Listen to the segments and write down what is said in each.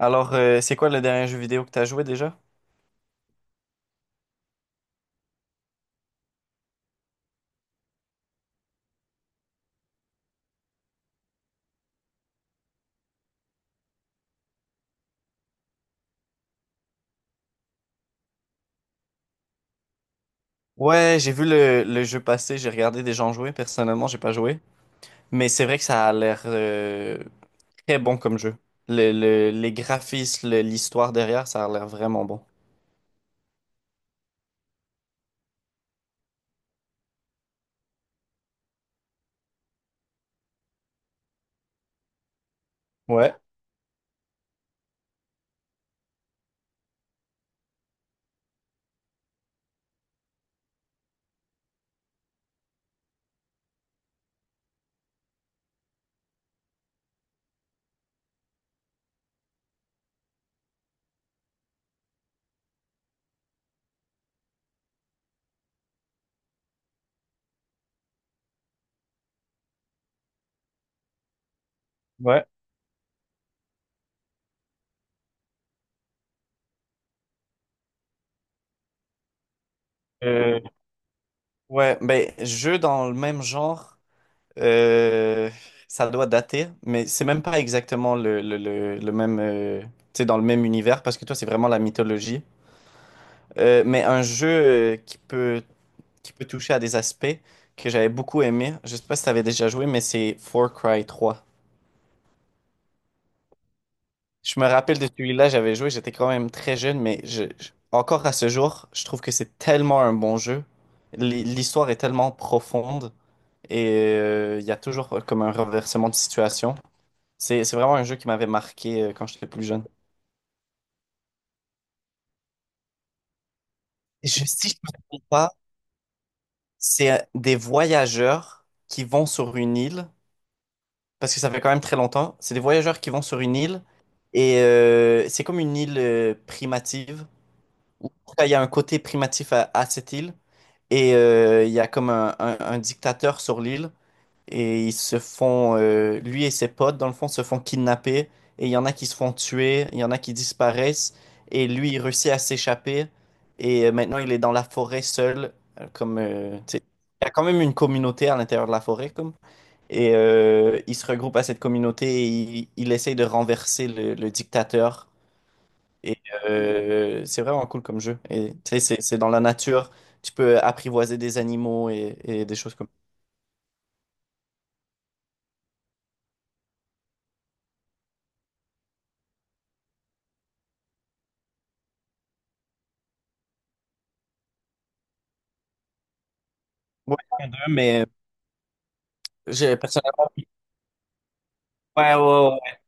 Alors, c'est quoi le dernier jeu vidéo que t'as joué déjà? Ouais, j'ai vu le jeu passer, j'ai regardé des gens jouer. Personnellement, j'ai pas joué. Mais c'est vrai que ça a l'air très bon comme jeu. Les graphismes, l'histoire derrière, ça a l'air vraiment bon. Ouais, ouais. Euh, ouais, ben, jeu dans le même genre, euh, ça doit dater, mais c'est même pas exactement le même, tu sais, dans le même univers, parce que toi, c'est vraiment la mythologie. Mais un jeu qui peut toucher à des aspects que j'avais beaucoup aimé. Je sais pas si tu avais déjà joué, mais c'est Far Cry 3. Je me rappelle de celui-là, j'avais joué, j'étais quand même très jeune, mais encore à ce jour, je trouve que c'est tellement un bon jeu. L'histoire est tellement profonde et il y a toujours comme un renversement de situation. C'est vraiment un jeu qui m'avait marqué quand j'étais plus jeune. Je, si je ne me trompe pas, c'est des voyageurs qui vont sur une île parce que ça fait quand même très longtemps. C'est des voyageurs qui vont sur une île et c'est comme une île primative. En tout cas, il y a un côté primatif à cette île et il y a comme un dictateur sur l'île et ils se font, lui et ses potes, dans le fond, se font kidnapper et il y en a qui se font tuer, il y en a qui disparaissent et lui, il réussit à s'échapper et maintenant, il est dans la forêt seul, tu sais, il y a quand même une communauté à l'intérieur de la forêt, comme. Et il se regroupe à cette communauté et il essaye de renverser le dictateur. Et c'est vraiment cool comme jeu. Et tu sais, c'est dans la nature. Tu peux apprivoiser des animaux et des choses comme ça. Ouais, il y en a deux, mais j'ai personnellement. Ouais, ouais, ouais.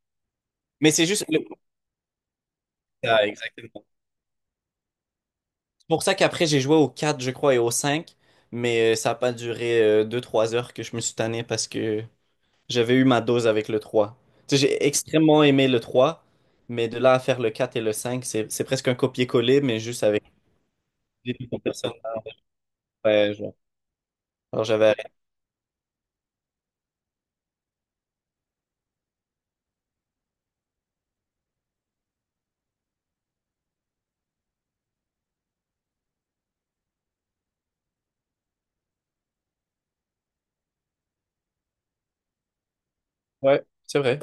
Mais c'est juste. Ah, exactement. C'est pour ça qu'après, j'ai joué au 4, je crois, et au 5. Mais ça n'a pas duré deux, trois heures que je me suis tanné parce que j'avais eu ma dose avec le 3. Tu sais, j'ai extrêmement aimé le 3, mais de là à faire le 4 et le 5, c'est presque un copier-coller, mais juste avec des nouveaux personnages. Ouais, genre. Alors j'avais arrêté. Ouais, c'est vrai.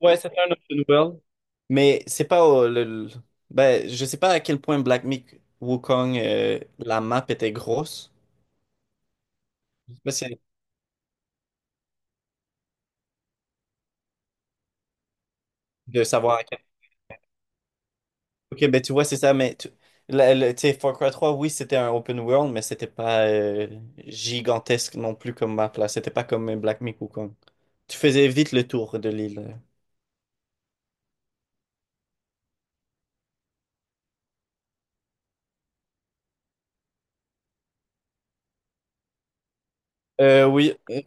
Ouais, c'est un open world. Mais c'est pas ben, je sais pas à quel point Black Myth Wukong, la map était grosse. Je sais pas si- de savoir à ok, ben tu vois, c'est ça, mais tu tu sais, Far Cry 3, oui, c'était un open world, mais c'était pas gigantesque non plus comme map, là. C'était pas comme Black Myth Wukong. Tu faisais vite le tour de l'île. Oui,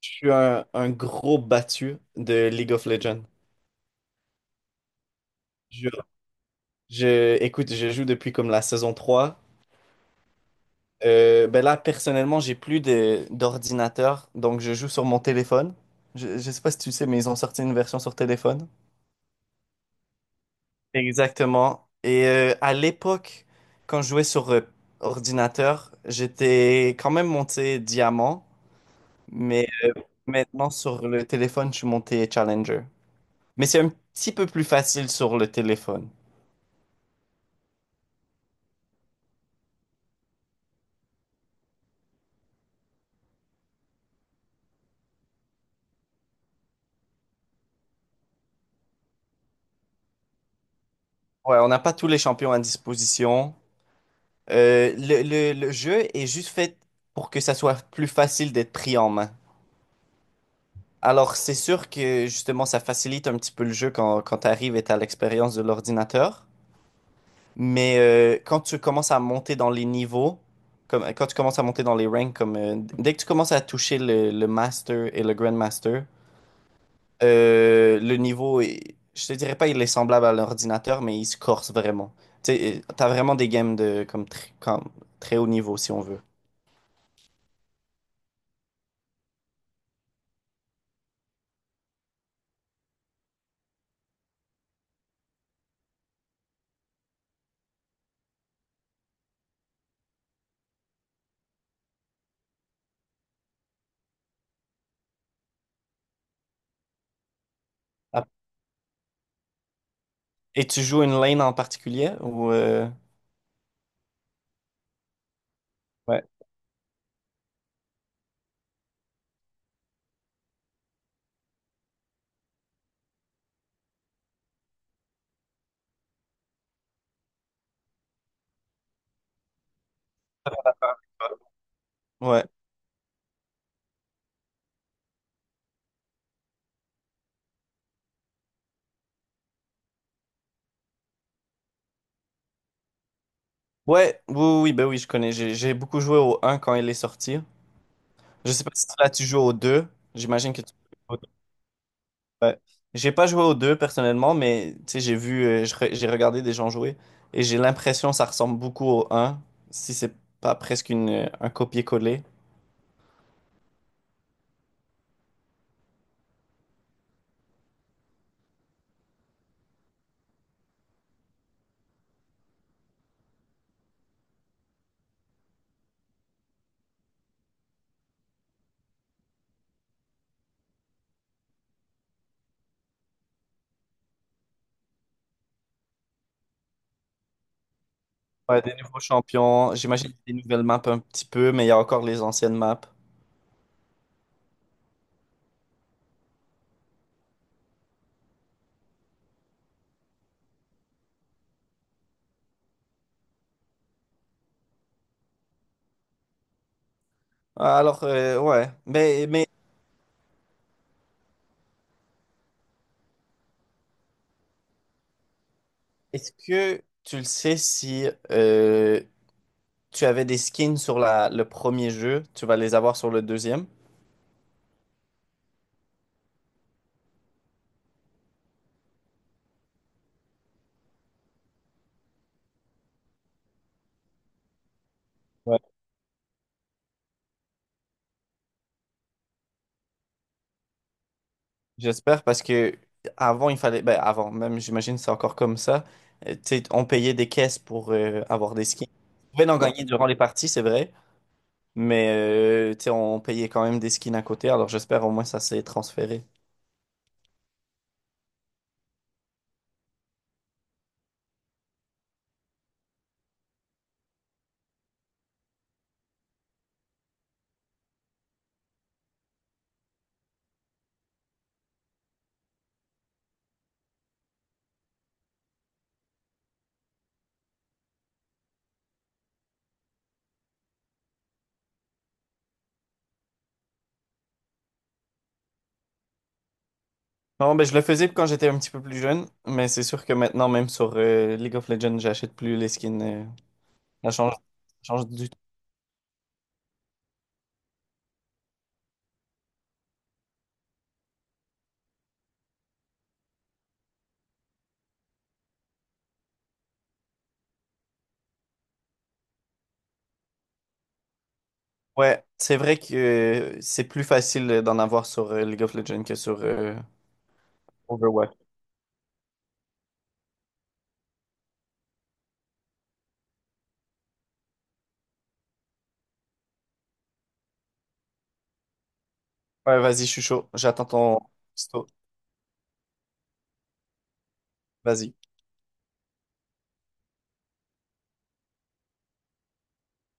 je suis un gros battu de League of Legends. Jure. Je, écoute, je joue depuis comme la saison 3. Ben là, personnellement, d'ordinateur, donc je joue sur mon téléphone. Je sais pas si tu sais, mais ils ont sorti une version sur téléphone. Exactement. Et à l'époque, quand je jouais sur ordinateur, j'étais quand même monté diamant, mais maintenant sur le téléphone, je suis monté challenger. Mais c'est un petit peu plus facile sur le téléphone. Ouais, on n'a pas tous les champions à disposition. Le jeu est juste fait pour que ça soit plus facile d'être pris en main. Alors, c'est sûr que justement, ça facilite un petit peu le jeu quand, quand tu arrives et tu l'expérience de l'ordinateur. Mais quand tu commences à monter dans les niveaux, comme, quand tu commences à monter dans les ranks, comme, dès que tu commences à toucher le Master et le Grandmaster, le niveau, est- je te dirais pas il est semblable à l'ordinateur, mais il se corse vraiment. Tu sais, t'as vraiment des games de comme, comme très haut niveau, si on veut. Ah. Et tu joues une lane en particulier ou ouais. Ouais. Ouais, oui, oui, oui, ben oui, je connais. J'ai beaucoup joué au un quand il est sorti. Je sais pas si là tu joues au deux. J'imagine que tu... Ouais. J'ai pas joué aux deux personnellement, mais tu sais, j'ai vu, j'ai regardé des gens jouer et j'ai l'impression que ça ressemble beaucoup au un si c'est pas presque un copier-coller. Ouais, des nouveaux champions, j'imagine des nouvelles maps un petit peu, mais il y a encore les anciennes maps. Alors, ouais, mais est-ce que tu le sais si euh, tu avais des skins sur le premier jeu, tu vas les avoir sur le deuxième? J'espère parce que avant il fallait ben avant même j'imagine c'est encore comme ça, tu sais on payait des caisses pour avoir des skins. On pouvait en ouais gagner durant les parties, c'est vrai, mais tu sais on payait quand même des skins à côté, alors j'espère au moins ça s'est transféré. Non, ben je le faisais quand j'étais un petit peu plus jeune, mais c'est sûr que maintenant même sur League of Legends, j'achète plus les skins. Ça change, ça change du tout. Ouais, c'est vrai que c'est plus facile d'en avoir sur League of Legends que sur Overwatch. Ouais, vas-y, je suis chaud. J'attends ton... texto. Vas-y.